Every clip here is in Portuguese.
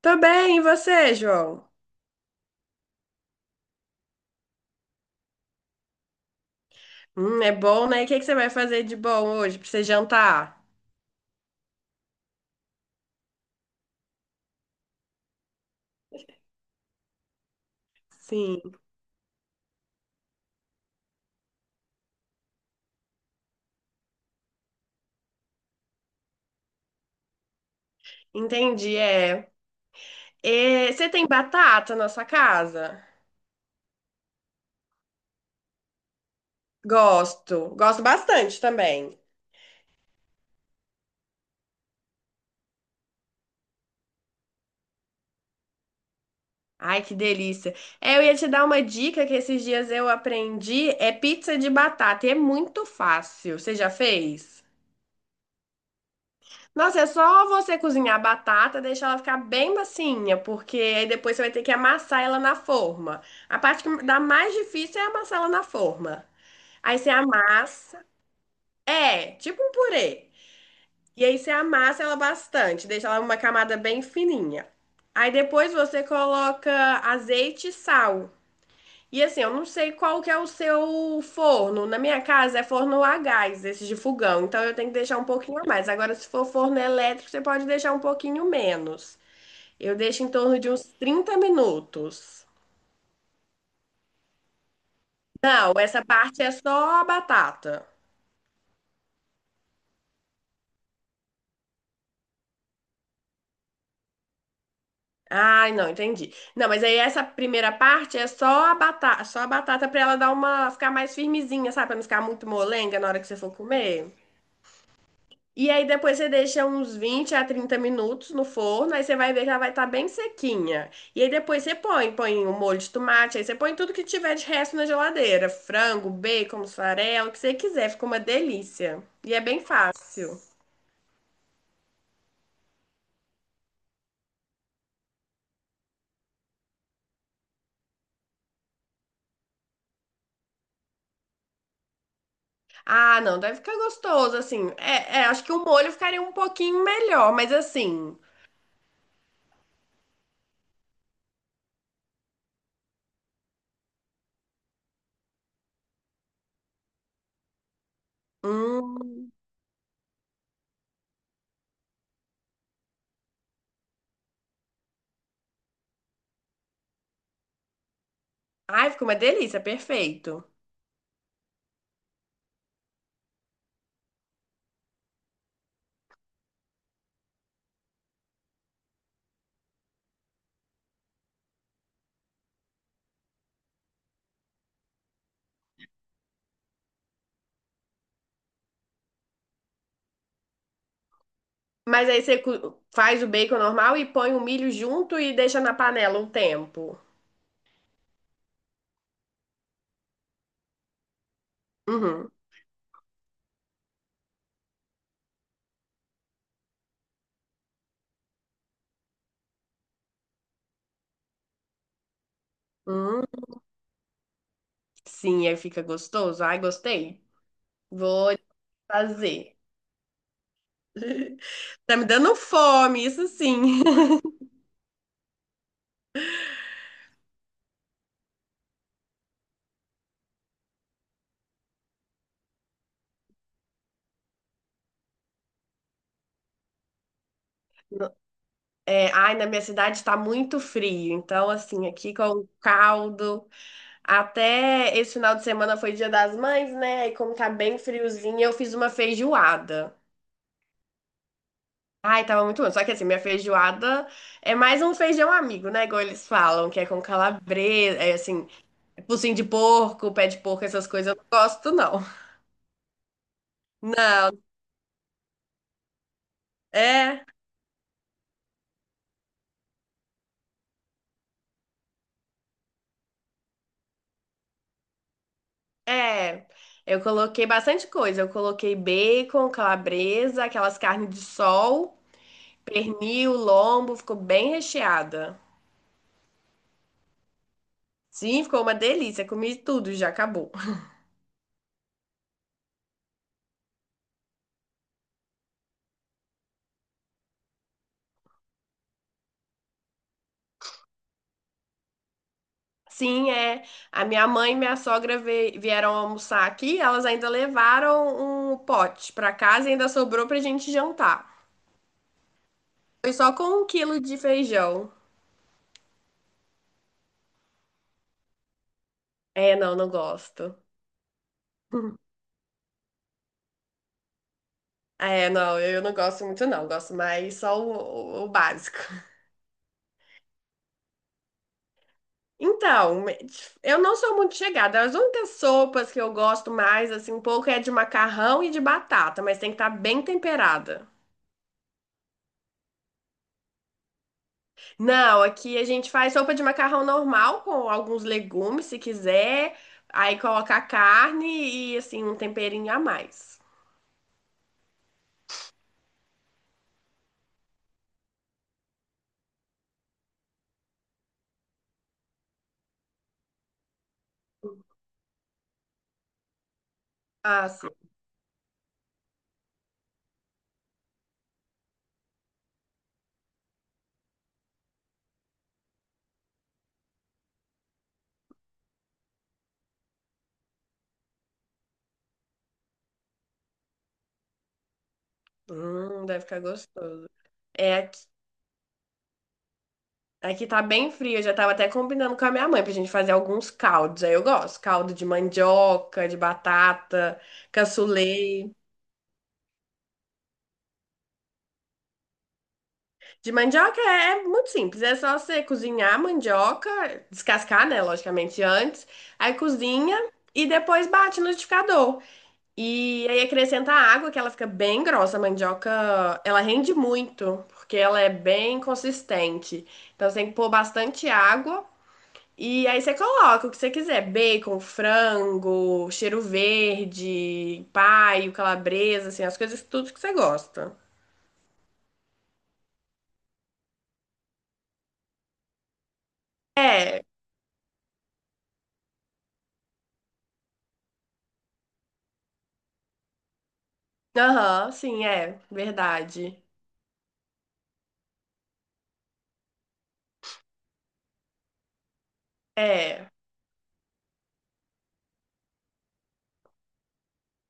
Tô bem, e você, João? É bom, né? O que você vai fazer de bom hoje pra você jantar? Sim, entendi, é. E você tem batata na sua casa? Gosto, gosto bastante também. Ai, que delícia. É, eu ia te dar uma dica que esses dias eu aprendi, é pizza de batata, e é muito fácil. Você já fez? Nossa, é só você cozinhar a batata, deixar ela ficar bem macinha, porque aí depois você vai ter que amassar ela na forma. A parte que dá mais difícil é amassar ela na forma. Aí você amassa, é, tipo um purê. E aí você amassa ela bastante, deixa ela uma camada bem fininha. Aí depois você coloca azeite e sal. E assim, eu não sei qual que é o seu forno. Na minha casa é forno a gás, esse de fogão. Então eu tenho que deixar um pouquinho a mais. Agora, se for forno elétrico, você pode deixar um pouquinho menos. Eu deixo em torno de uns 30 minutos. Não, essa parte é só a batata. Ai, não, entendi. Não, mas aí essa primeira parte é só a batata para ela dar uma ficar mais firmezinha, sabe? Para não ficar muito molenga na hora que você for comer. E aí depois você deixa uns 20 a 30 minutos no forno, aí você vai ver que ela vai estar bem sequinha. E aí depois você põe o molho de tomate, aí você põe tudo que tiver de resto na geladeira, frango, bacon, mussarela, o que você quiser, fica uma delícia. E é bem fácil. Ah, não, deve ficar gostoso assim. É, acho que o molho ficaria um pouquinho melhor, mas assim, hum, ai, fica uma delícia, perfeito. Mas aí você faz o bacon normal e põe o milho junto e deixa na panela um tempo. Uhum. Hum, sim, aí fica gostoso. Ai, gostei. Vou fazer. Tá me dando fome, isso sim. No- É, ai, na minha cidade tá muito frio, então assim, aqui com caldo, até esse final de semana foi Dia das Mães, né? E como tá bem friozinho, eu fiz uma feijoada. Ai, tava muito bom. Só que assim, minha feijoada é mais um feijão amigo, né? Igual eles falam, que é com calabresa, é assim, é focinho de porco, pé de porco, essas coisas eu não gosto, não. Não, É, é. Eu coloquei bastante coisa. Eu coloquei bacon, calabresa, aquelas carnes de sol, pernil, lombo, ficou bem recheada. Sim, ficou uma delícia. Comi tudo, já acabou. Sim, é. A minha mãe e minha sogra vieram almoçar aqui. Elas ainda levaram um pote pra casa e ainda sobrou pra gente jantar. Foi só com 1 quilo de feijão. É, não, não gosto. É, não, eu não gosto muito, não. Gosto mais só o básico. Então, eu não sou muito chegada. As únicas sopas que eu gosto mais, assim, um pouco é de macarrão e de batata, mas tem que estar bem temperada. Não, aqui a gente faz sopa de macarrão normal com alguns legumes, se quiser. Aí coloca a carne e, assim, um temperinho a mais. Ah, sim. Deve ficar gostoso. É aqui. Aqui tá bem frio, eu já tava até combinando com a minha mãe pra gente fazer alguns caldos. Aí eu gosto, caldo de mandioca, de batata, cassoulet. De mandioca é muito simples, é só você cozinhar a mandioca, descascar, né, logicamente antes, aí cozinha e depois bate no liquidificador. E aí acrescenta água, que ela fica bem grossa, a mandioca, ela rende muito, porque ela é bem consistente. Então você tem que pôr bastante água e aí você coloca o que você quiser, bacon, frango, cheiro verde, paio, calabresa, assim, as coisas tudo que você gosta. É, aham, sim, é, verdade. É,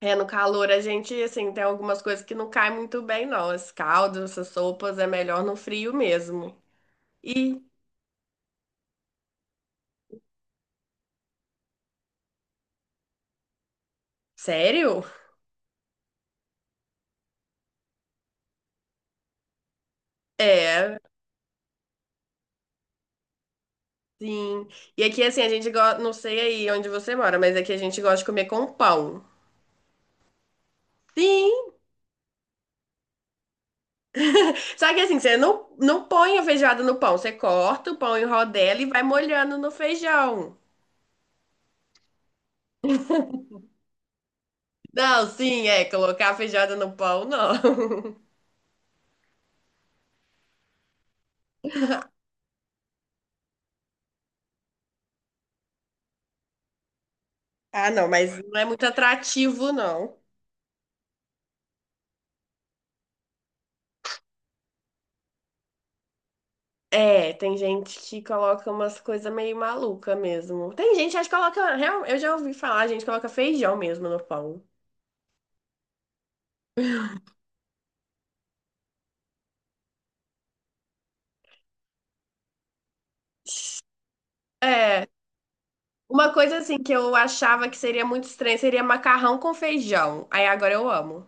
é, no calor a gente, assim, tem algumas coisas que não caem muito bem, não. Esse caldo, essas sopas, é melhor no frio mesmo. E, sério? É, sim. E aqui, assim, a gente gosta, não sei aí onde você mora, mas aqui a gente gosta de comer com pão. Sim! Só que, assim, você não põe a feijoada no pão, você corta o pão em rodela e vai molhando no feijão. Não, sim, é, colocar a feijoada no pão, não. Ah, não, mas não é muito atrativo, não. É, tem gente que coloca umas coisas meio maluca mesmo. Tem gente, acho que coloca. Eu já ouvi falar, gente coloca feijão mesmo no pão. É, uma coisa assim que eu achava que seria muito estranho seria macarrão com feijão. Aí agora eu amo.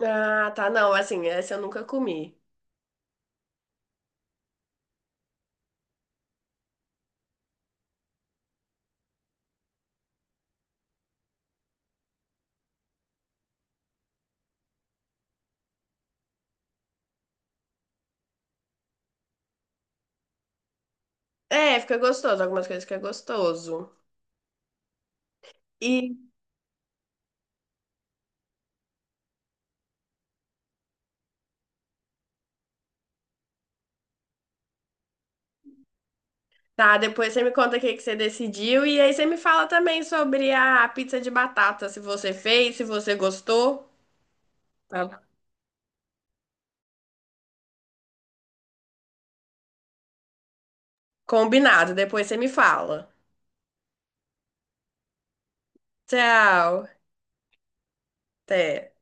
Ah, tá, não, assim, essa eu nunca comi. É, fica gostoso, algumas coisas que é gostoso. E tá, depois você me conta o que que você decidiu e aí você me fala também sobre a pizza de batata, se você fez, se você gostou. Tá combinado, depois você me fala. Tchau, até.